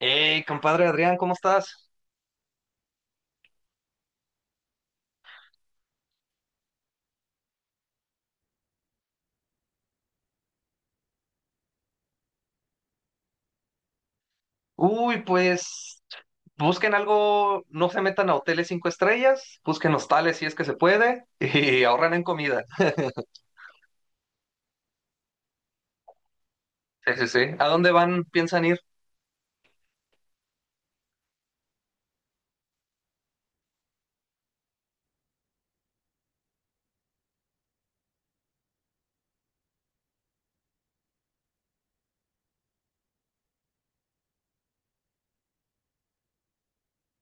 Hey, compadre Adrián, ¿cómo estás? Uy, pues busquen algo, no se metan a hoteles cinco estrellas, busquen hostales si es que se puede y ahorran en comida. Sí, sí, sí. ¿A dónde van? ¿Piensan ir?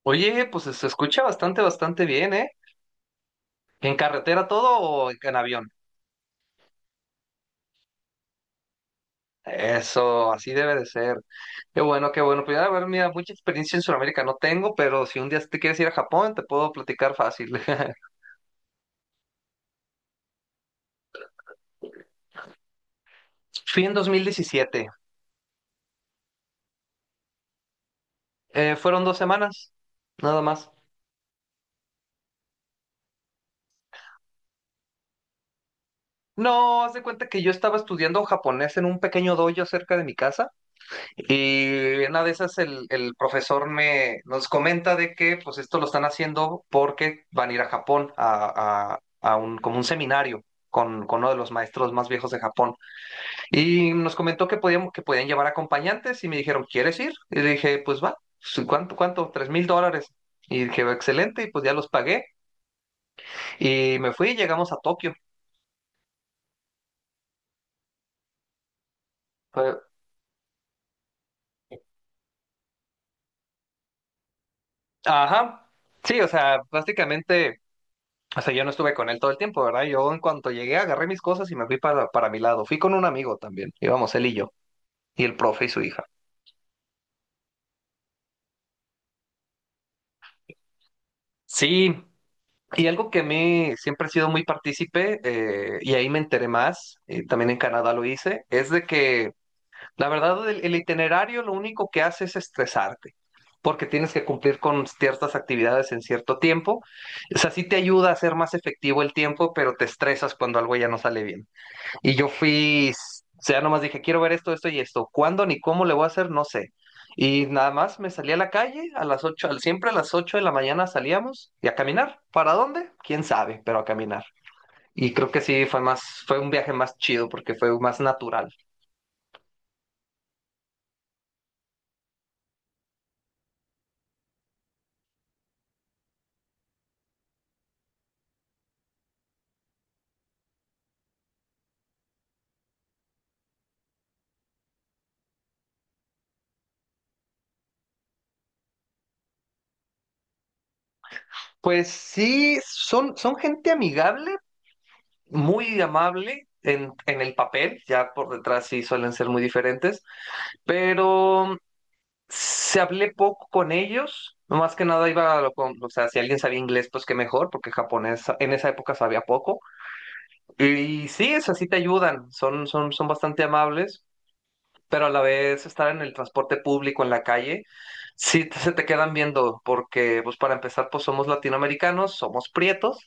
Oye, pues se escucha bastante, bastante bien, ¿eh? ¿En carretera todo o en avión? Eso, así debe de ser. Qué bueno, qué bueno. Pues a ver, mira, mucha experiencia en Sudamérica no tengo, pero si un día te quieres ir a Japón, te puedo platicar fácil. Fui en 2017. Fueron 2 semanas, nada más. No, haz de cuenta que yo estaba estudiando japonés en un pequeño dojo cerca de mi casa y en una de esas el profesor me nos comenta de que pues esto lo están haciendo porque van a ir a Japón a, a un como un seminario con uno de los maestros más viejos de Japón y nos comentó que podíamos que podían llevar acompañantes y me dijeron: ¿quieres ir? Y le dije pues va. Sí, ¿cuánto? $3,000. Y dije: excelente. Y pues ya los pagué y me fui y llegamos a Tokio. Ajá. Sí, o sea, básicamente, o sea, yo no estuve con él todo el tiempo, ¿verdad? Yo en cuanto llegué agarré mis cosas y me fui para mi lado. Fui con un amigo también, íbamos él y yo, y el profe y su hija. Sí, y algo que a mí siempre he sido muy partícipe, y ahí me enteré más, y también en Canadá lo hice, es de que la verdad el itinerario lo único que hace es estresarte, porque tienes que cumplir con ciertas actividades en cierto tiempo. O sea, sí te ayuda a ser más efectivo el tiempo, pero te estresas cuando algo ya no sale bien. Y yo fui, o sea, nomás dije, quiero ver esto, esto y esto. ¿Cuándo ni cómo le voy a hacer? No sé. Y nada más me salí a la calle a las 8, siempre a las 8 de la mañana salíamos y a caminar. ¿Para dónde? Quién sabe, pero a caminar. Y creo que sí fue un viaje más chido porque fue más natural. Pues sí, son gente amigable, muy amable en el papel, ya por detrás sí suelen ser muy diferentes, pero se hablé poco con ellos, no más que nada iba a lo con, o sea, si alguien sabía inglés, pues qué mejor, porque japonés en esa época sabía poco. Y, sí, es así te ayudan, son bastante amables, pero a la vez estar en el transporte público, en la calle, se te quedan viendo, porque pues para empezar, pues somos latinoamericanos, somos prietos.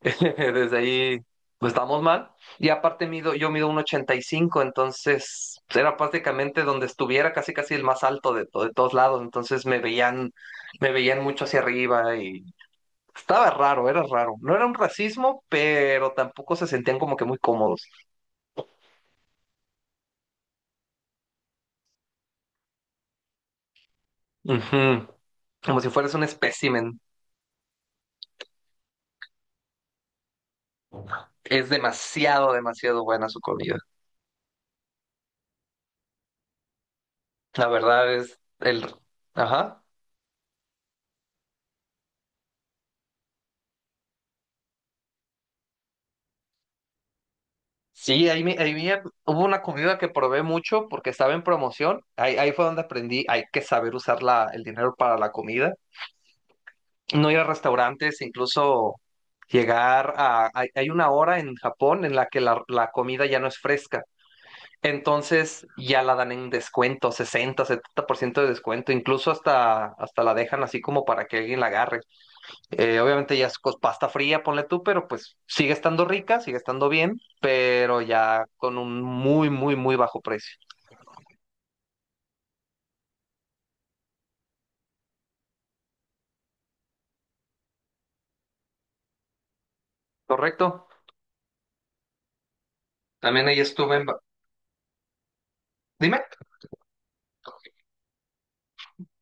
Desde ahí, pues estamos mal. Y aparte mido, yo mido un 85, entonces pues, era prácticamente donde estuviera casi casi el más alto de, de todos lados. Entonces me veían mucho hacia arriba y estaba raro, era raro. No era un racismo, pero tampoco se sentían como que muy cómodos. Ujú. Como si fueras un espécimen. Es demasiado, demasiado buena su comida. La verdad es el. Ajá. Sí, ahí, hubo una comida que probé mucho porque estaba en promoción. Ahí fue donde aprendí, hay que saber usar el dinero para la comida. No ir a restaurantes, incluso llegar a. Hay una hora en Japón en la que la comida ya no es fresca. Entonces ya la dan en descuento, 60-70% de descuento. Incluso hasta la dejan así como para que alguien la agarre. Obviamente ya es pasta fría, ponle tú, pero pues sigue estando rica, sigue estando bien, pero ya con un muy, muy, muy bajo precio. Correcto. También ahí estuve en. Dime.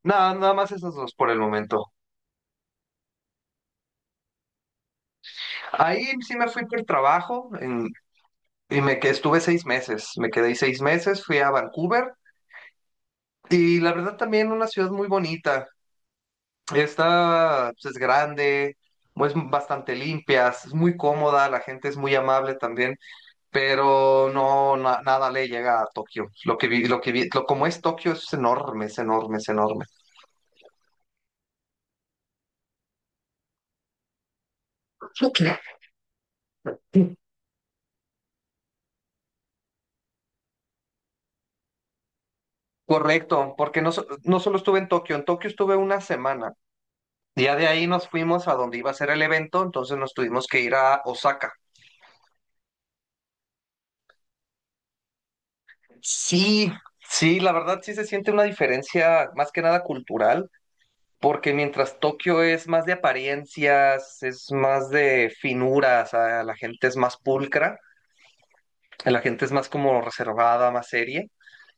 Nada, nada más esas dos por el momento. Ahí sí me fui por trabajo y me que estuve 6 meses. Me quedé ahí 6 meses, fui a Vancouver y la verdad también una ciudad muy bonita. Está, pues, es grande, es bastante limpia, es muy cómoda, la gente es muy amable también. Pero no, nada le llega a Tokio. Lo que vi, como es Tokio, es enorme, es enorme, es enorme. Correcto, porque no, no solo estuve en Tokio estuve una semana. Ya de ahí nos fuimos a donde iba a ser el evento, entonces nos tuvimos que ir a Osaka. Sí, sí, la verdad sí se siente una diferencia más que nada cultural, porque mientras Tokio es más de apariencias, es más de finuras, a la gente es más pulcra, la gente es más como reservada, más seria.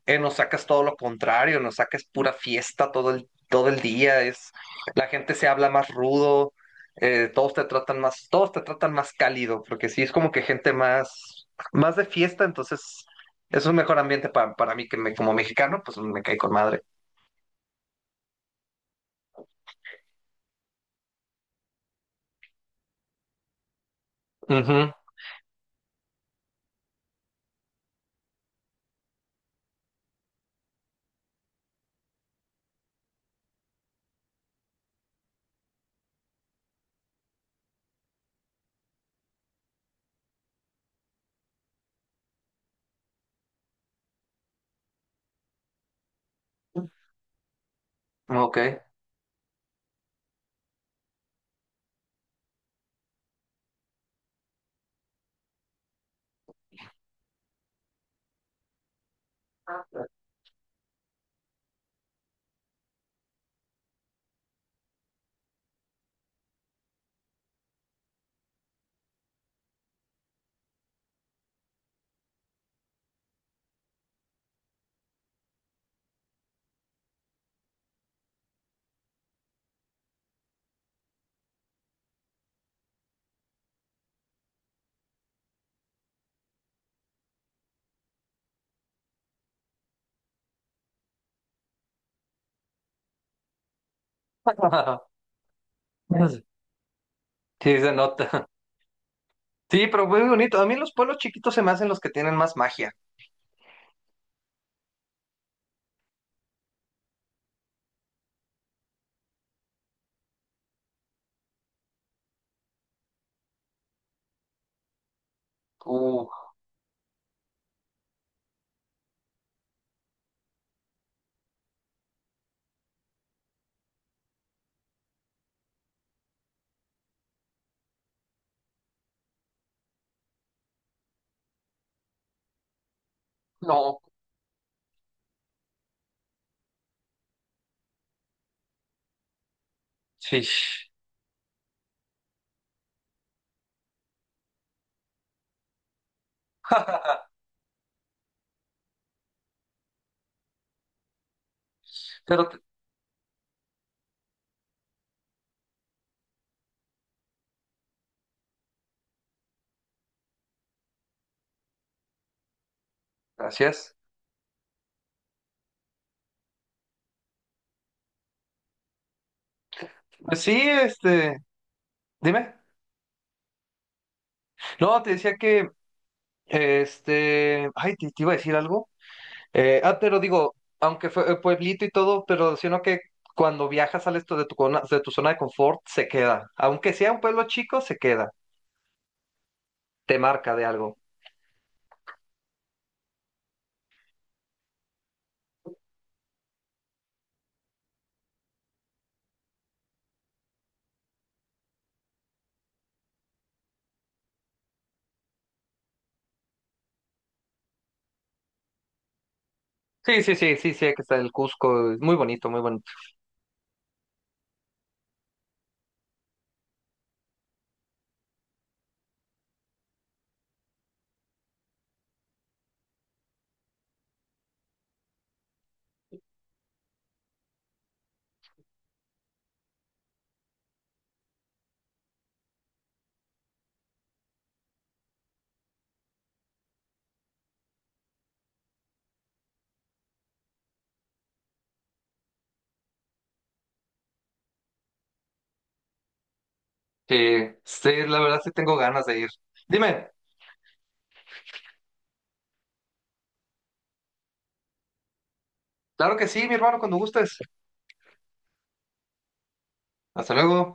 Nos sacas todo lo contrario, nos sacas pura fiesta todo el día, la gente se habla más rudo, todos te tratan más cálido, porque sí es como que gente más de fiesta, entonces es un mejor ambiente para mí que, como mexicano, pues me cae con madre. Ujú. Ok. Sí, se nota. Sí, pero muy bonito. A mí los pueblos chiquitos se me hacen los que tienen más magia. Uh, no. Sí. Pero, gracias. Pues sí, este, dime. No, te decía que, este, ay, te iba a decir algo. Ah, pero digo, aunque fue pueblito y todo, pero sino que cuando viajas sales tú de tu zona de confort, se queda. Aunque sea un pueblo chico, se queda. Te marca de algo. Sí, sí, sí, sí, sí, que está el Cusco. Es muy bonito, muy bonito. Sí, sí, la verdad sí tengo ganas de ir. Dime, claro que sí, mi hermano, cuando gustes. Hasta luego.